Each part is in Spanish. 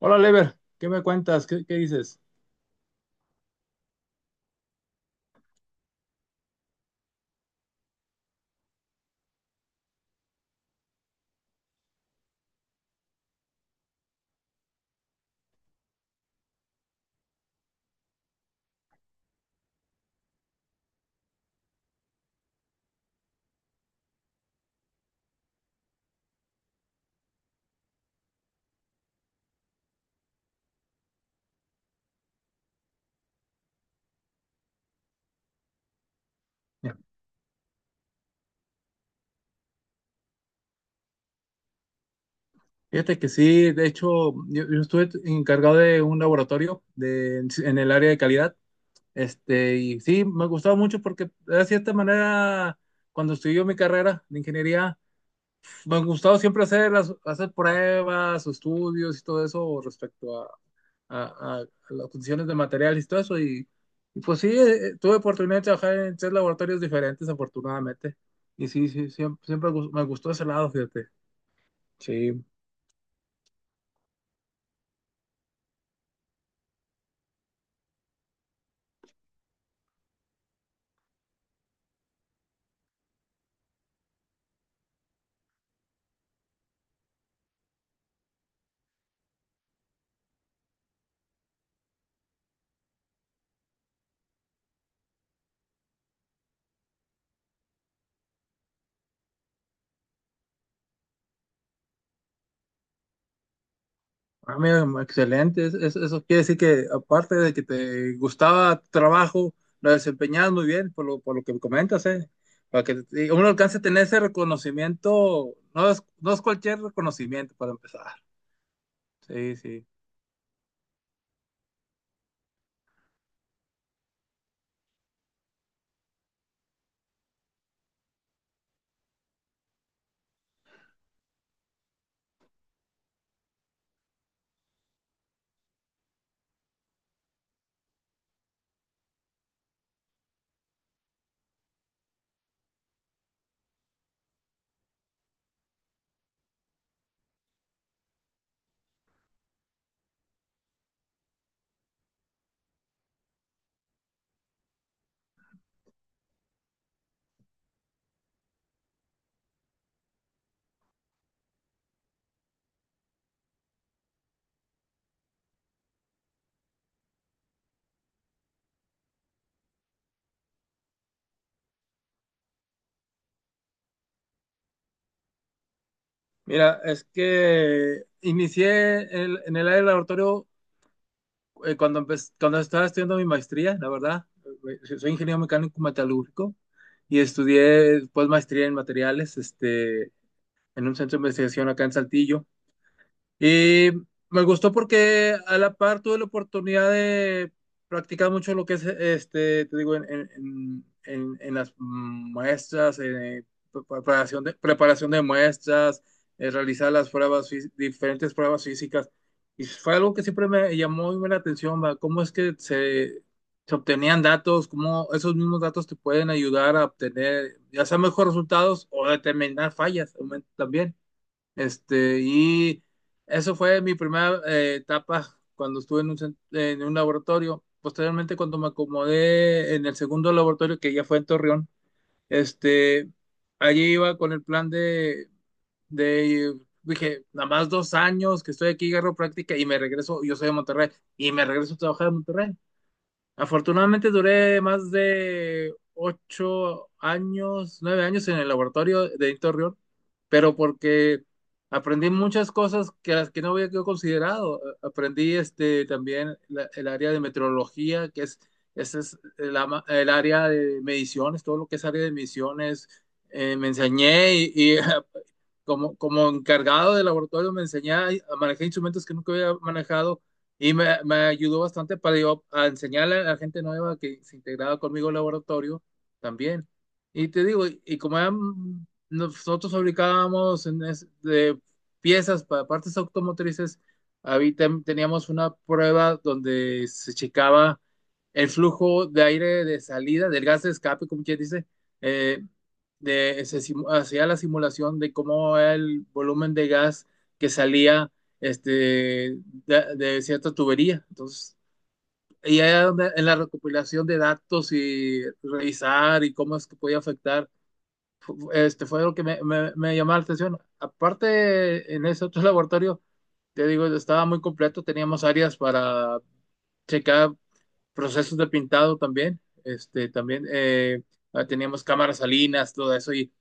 Hola, Lever, ¿qué me cuentas? ¿Qué dices? Ya. Fíjate que sí, de hecho, yo estuve encargado de un laboratorio de, en el área de calidad, y sí, me gustaba mucho porque de cierta manera, cuando estudié mi carrera de ingeniería, me ha gustado siempre hacer, hacer pruebas o estudios y todo eso respecto a, a- a las condiciones de materiales y todo eso, y pues sí, tuve oportunidad de trabajar en 3 laboratorios diferentes, afortunadamente, y sí, sí, siempre, me gustó ese lado, fíjate. Sí, ah, mira, excelente. Eso quiere decir que aparte de que te gustaba tu trabajo, lo desempeñabas muy bien, por lo que me comentas, ¿eh? Para que uno alcance a tener ese reconocimiento, no es, no es cualquier reconocimiento para empezar. Sí, sí. Mira, es que inicié en el área del laboratorio cuando, cuando estaba estudiando mi maestría, la verdad. Soy ingeniero mecánico metalúrgico y estudié pues maestría en materiales, en un centro de investigación acá en Saltillo. Y me gustó porque a la par tuve la oportunidad de practicar mucho lo que es, este, te digo, en, en las muestras, preparación de muestras, realizar las pruebas, diferentes pruebas físicas. Y fue algo que siempre me llamó muy la atención, va. ¿Cómo es que se obtenían datos? ¿Cómo esos mismos datos te pueden ayudar a obtener ya sea mejores resultados o determinar fallas también? Este, y eso fue mi primera etapa cuando estuve en un, en un laboratorio. Posteriormente, cuando me acomodé en el segundo laboratorio, que ya fue en Torreón, este, allí iba con el plan de, dije, nada más 2 años que estoy aquí, agarro práctica y me regreso, yo soy de Monterrey, y me regreso a trabajar en Monterrey. Afortunadamente duré más de 8 años, 9 años en el laboratorio de Editor Rion, pero porque aprendí muchas cosas que las que no había yo considerado. Aprendí también el área de meteorología, que es, ese es el, el área de mediciones, todo lo que es área de mediciones. Me enseñé y como, como encargado del laboratorio me enseñé a manejar instrumentos que nunca había manejado y me ayudó bastante para yo a enseñarle a la gente nueva que se integraba conmigo al laboratorio también. Y te digo, y como nosotros fabricábamos en de piezas para partes automotrices, teníamos una prueba donde se checaba el flujo de aire de salida, del gas de escape, como quien dice, eh, de, se hacía la simulación de cómo era el volumen de gas que salía este, de cierta tubería. Entonces, y ahí en la recopilación de datos y revisar y cómo es que podía afectar, este, fue lo que me llamó la atención. Aparte, en ese otro laboratorio, te digo, estaba muy completo, teníamos áreas para checar procesos de pintado también, también teníamos cámaras salinas, todo eso, y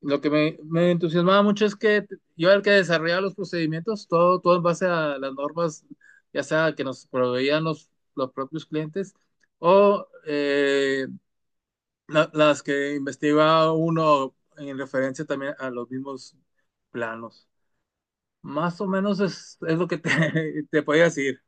lo que me entusiasmaba mucho es que yo era el que desarrollaba los procedimientos, todo, todo en base a las normas, ya sea que nos proveían los propios clientes, o las que investigaba uno en referencia también a los mismos planos. Más o menos es lo que te, te podía decir.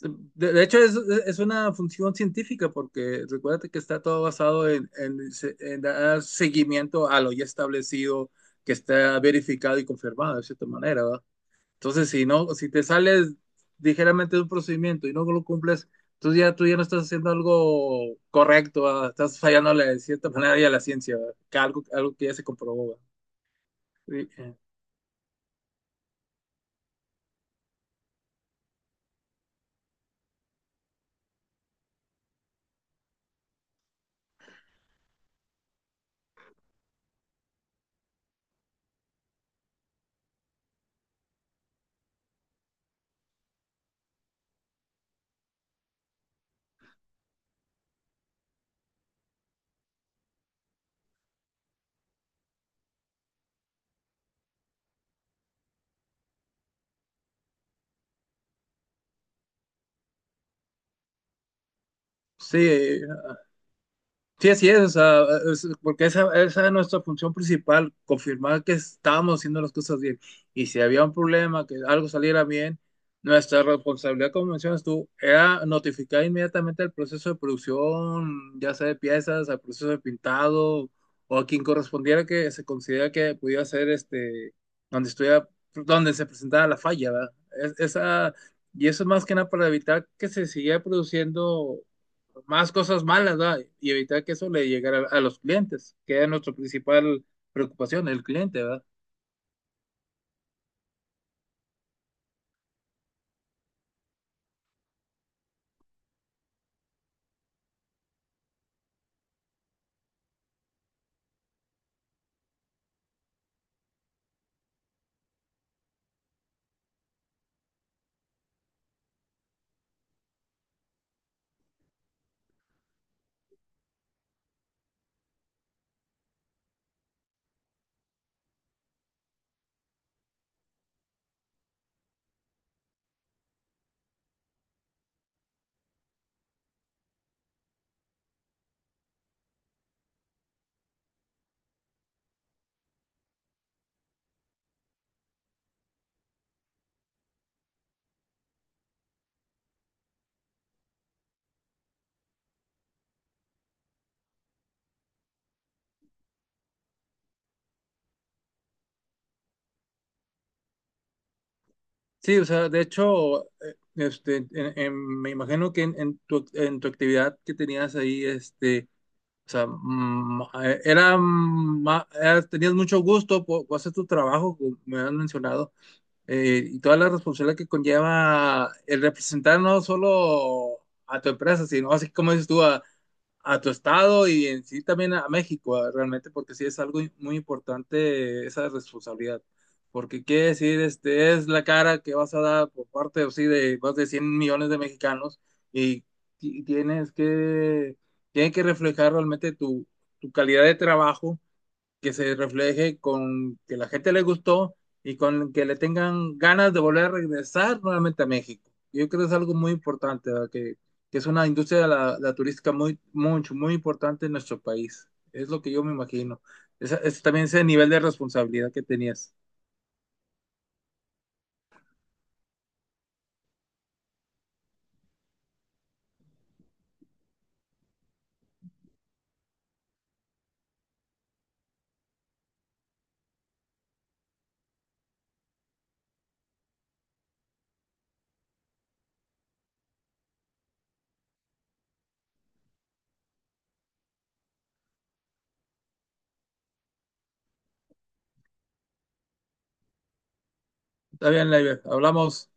De hecho, es una función científica porque recuérdate que está todo basado en, en dar seguimiento a lo ya establecido, que está verificado y confirmado de cierta manera, ¿verdad? Entonces, si no, si te sales ligeramente de un procedimiento y no lo cumples, tú ya no estás haciendo algo correcto, ¿verdad? Estás fallándole de cierta manera ya a la ciencia, ¿verdad? Que algo, algo que ya se comprobó, ¿verdad? Sí, sí. Sí, así es, o sea, porque esa es nuestra función principal, confirmar que estamos haciendo las cosas bien. Y si había un problema, que algo saliera bien, nuestra responsabilidad, como mencionas tú, era notificar inmediatamente al proceso de producción, ya sea de piezas, al proceso de pintado, o a quien correspondiera que se considera que pudiera ser donde estuviera, donde se presentaba la falla, ¿verdad? Esa, y eso es más que nada para evitar que se siguiera produciendo más cosas malas, ¿verdad? Y evitar que eso le llegara a los clientes, que es nuestra principal preocupación, el cliente, ¿verdad? Sí, o sea, de hecho, este, me imagino que en tu actividad que tenías ahí, o sea, era, tenías mucho gusto por hacer tu trabajo, como me han mencionado, y toda la responsabilidad que conlleva el representar no solo a tu empresa, sino así como dices tú, a tu estado y en sí también a México, realmente, porque sí es algo muy importante esa responsabilidad. Porque quiere decir, este, es la cara que vas a dar por parte, o sí, de más de 100 millones de mexicanos y, tienes que, tiene que reflejar realmente tu, tu calidad de trabajo que se refleje con que la gente le gustó y con que le tengan ganas de volver a regresar nuevamente a México. Yo creo que es algo muy importante, ¿verdad? Que es una industria de la, la, turística muy, mucho, muy importante en nuestro país. Es lo que yo me imagino. Es también ese nivel de responsabilidad que tenías. Está bien, Leiber. Hablamos.